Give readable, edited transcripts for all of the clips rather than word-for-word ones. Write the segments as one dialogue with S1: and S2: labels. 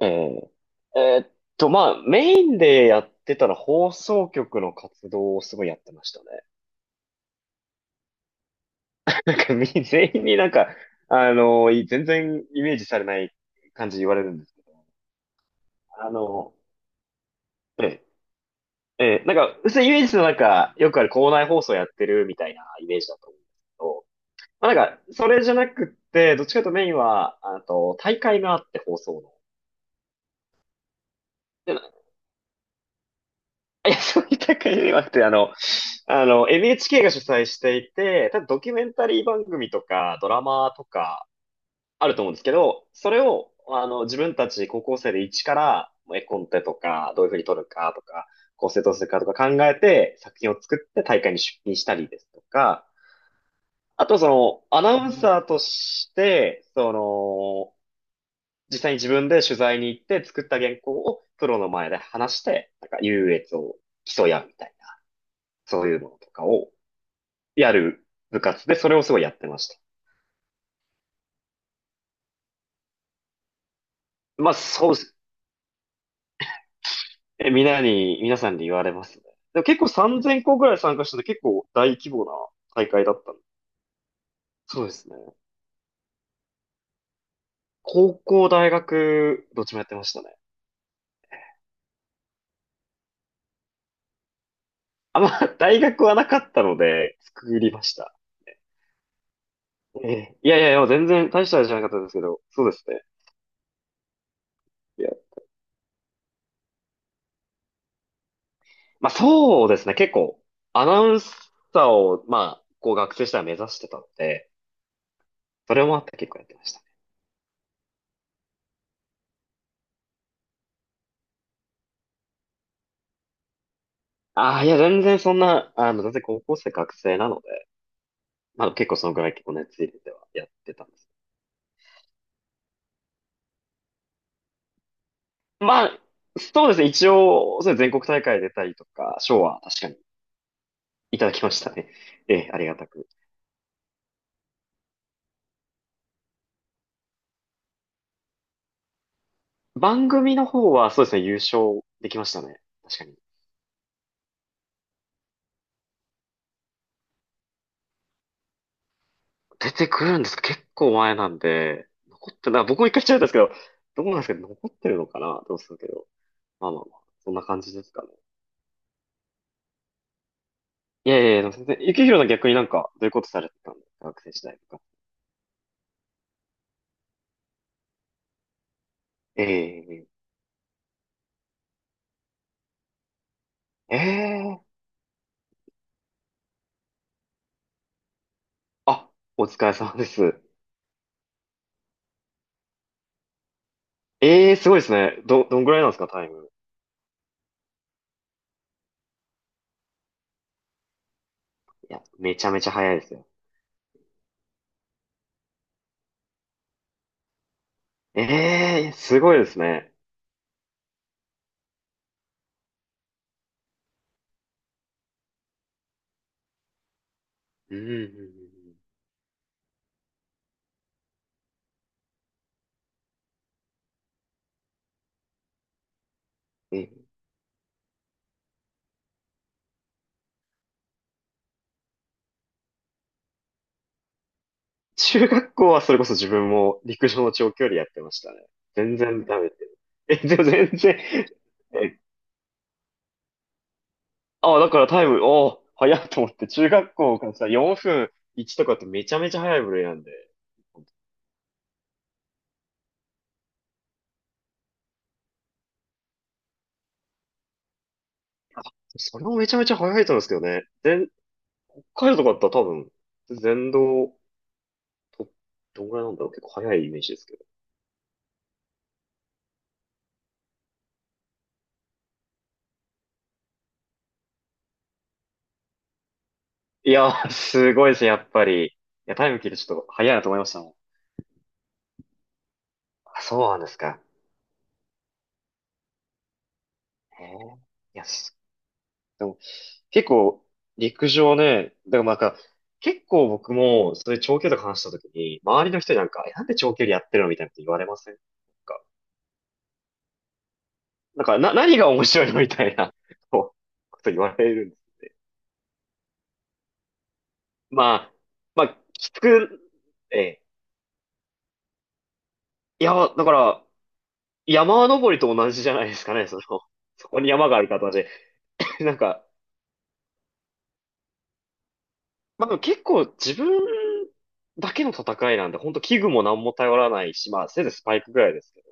S1: えええーっまあ、メインでやってたら放送局の活動をすごいやってましたね。なんか全員になんか、全然イメージされない感じで言われるんですけど、あの、ええ、ええ、なんか、普通イメージのなんか、よくある校内放送やってるみたいなイメージだと思うんですけど、まあ、なんか、それじゃなくって、どっちかというとメインは、あと、大会があって放送の。で、いや、そういった感じではなくて、NHK が主催していて、多分ドキュメンタリー番組とか、ドラマとか、あると思うんですけど、それを、自分たち高校生で一から、絵コンテとか、どういうふうに撮るかとか、構成どうするかとか考えて、作品を作って大会に出品したりですとか、あとその、アナウンサーとして、その、実際に自分で取材に行って作った原稿をプロの前で話して、なんか優越を競い合うみたいな。そういうのとかをやる部活で、それをすごいやってました。まあ、そうです。え、みんなに、皆さんに言われますね。でも結構3000校ぐらい参加してて結構大規模な大会だったの。そうですね。高校、大学、どっちもやってましたね。あ、まあ、大学はなかったので、作りました。ええ、いやいやいや、全然大したあれじゃなかったですけど、そうですね。いや、まあそうですね、結構、アナウンサーを、まあ、こう学生時代は目指してたので、それもあって結構やってました。ああ、いや、全然そんな、全然高校生学生なので、まあ結構そのぐらい結構熱入れてはやってたんです。まあ、そうですね。一応、そう全国大会出たりとか、賞は確かにいただきましたね。ええ、ありがたく。番組の方はそうですね、優勝できましたね。確かに。出てくるんですか？結構前なんで、残ってな、僕も一回ちゃったんですけど、どうなんですかね、残ってるのかな、どうするけど。まあまあまあ、そんな感じですかね。いやいやいや、でも全然、ゆきひろの逆になんか、どういうことされてたの学生時代とか。ええ、ええ、あ、お疲れ様です。ええ、すごいですね。どんぐらいなんですか、タイム。いや、めちゃめちゃ早いですよ。ええ、すごいですね。うんうんうんうん。え、中学校はそれこそ自分も陸上の長距離やってましたね。全然ダメで。え、でも全然、え、あ、だからタイム、おー、早いと思って、中学校からさ、4分1とかってめちゃめちゃ早い部類なんで。それもめちゃめちゃ早いと思うんですけどね。全北海道とかだったら多分、全道、と、どんぐらいなんだろう、結構早いイメージですけど。いやー、すごいですね、やっぱり。いや、タイム聞いてちょっと早いなと思いましたもん。あ、そうなんですか？へえ。いや、す、でも、結構、陸上ね、だからなんか、結構僕も、そういう長距離とか話した時に、周りの人になんか、えなんで長距離やってるのみたいなこと言われませんなんか、なんかな、何が面白いのみたいな、こう、こと言われるんです。まあ、まあ、きつく、ええ。いや、だから、山登りと同じじゃないですかね、その、そこに山がある形で。なんか、まあ、でも結構自分だけの戦いなんで、本当器具も何も頼らないし、まあ、せいぜいスパイクぐらいですけど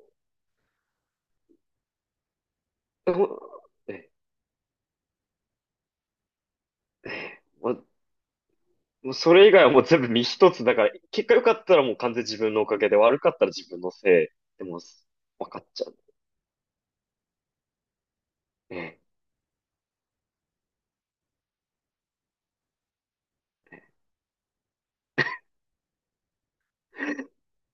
S1: ね。まあ、もうそれ以外はもう全部身一つ。だから、結果良かったらもう完全に自分のおかげで、悪かったら自分のせいでもう分かっちゃう。ね。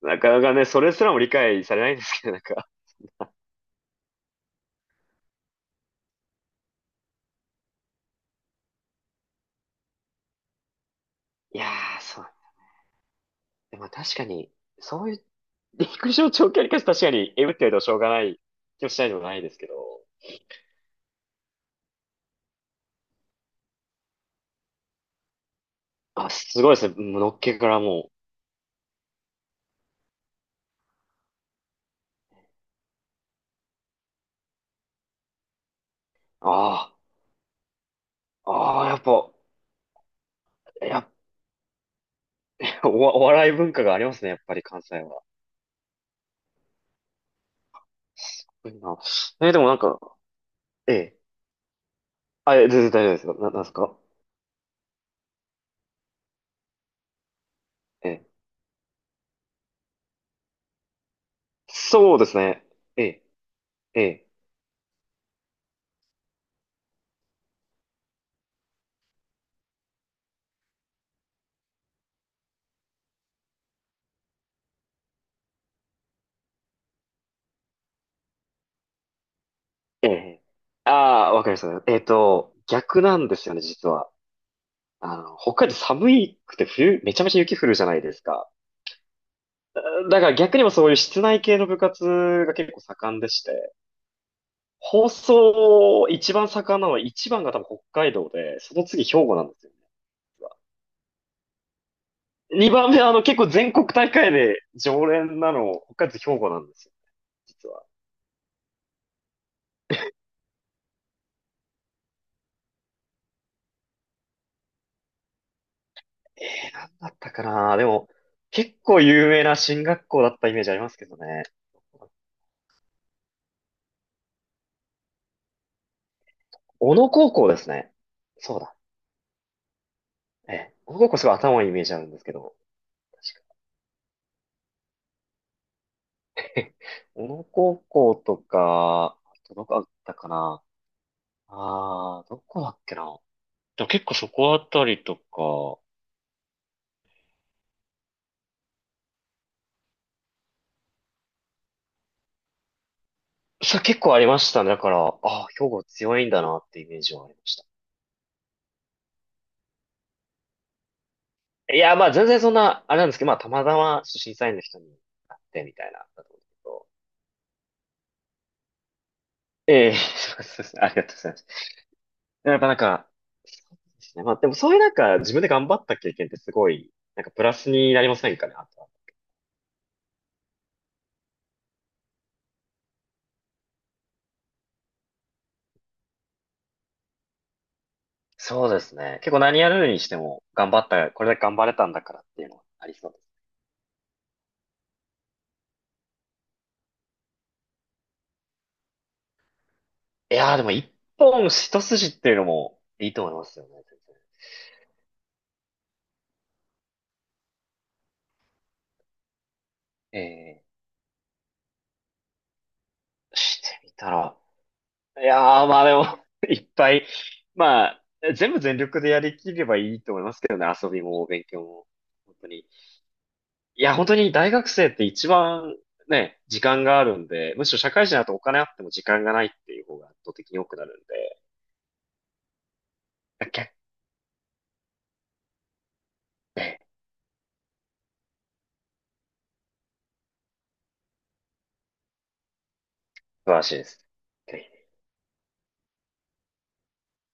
S1: なかなかね、それすらも理解されないんですけど、なんか。いやー、そう。でも確かに、そういう、陸上長距離かし確かに、えぶってるとしょうがない気もしないでもないですけど。あ、すごいですね。のっけからもう。ああ、ああ、やっぱ、やっぱお、お笑い文化がありますね、やっぱり関西は。すごいな。え、でもなんか、ええ。あ、え、全然大丈夫ですよ。なんですか？ええ。そうですね。ええ、ええ、ええ。ああ、わかりました。えっと、逆なんですよね、実は。北海道寒いくて冬、めちゃめちゃ雪降るじゃないですか。だから逆にもそういう室内系の部活が結構盛んでして。放送、一番盛んなのは、一番が多分北海道で、その次兵庫なんですよね。二番目は、結構全国大会で常連なの、北海道と兵庫なんですよ、実は。えー、なんだったかな、でも、結構有名な進学校だったイメージありますけどね。小野高校ですね。そうだ。ええ、小野高校すごい頭いいイメージあるんですけど。確かに。小野高校とか、あとどこだったかな、ああー、どこだっけな、でも結構そこあたりとか、さ、結構ありましたね。だから、ああ、兵庫強いんだなってイメージはありました。いや、まあ全然そんな、あれなんですけど、まあたまたまちょっと審査員の人に会ってみたいな、だと思うんですけど。ええ、 そうですね。ありがとうございます。やっぱなんか、そうですね。まあでもそういうなんか自分で頑張った経験ってすごい、なんかプラスになりませんかね、あとは。そうですね。結構何やるにしても頑張った、これだけ頑張れたんだからっていうのはありそうです。いやーでも一本一筋っていうのもいいと思いますよね。ええ、してみたら。いやー、まあでも、 いっぱい、まあ、全部全力でやりきればいいと思いますけどね、遊びも勉強も。本当に。いや、本当に大学生って一番ね、時間があるんで、むしろ社会人だとお金あっても時間がないっていう方が圧倒的に多くなるんで、結構、ね、素晴らしいです。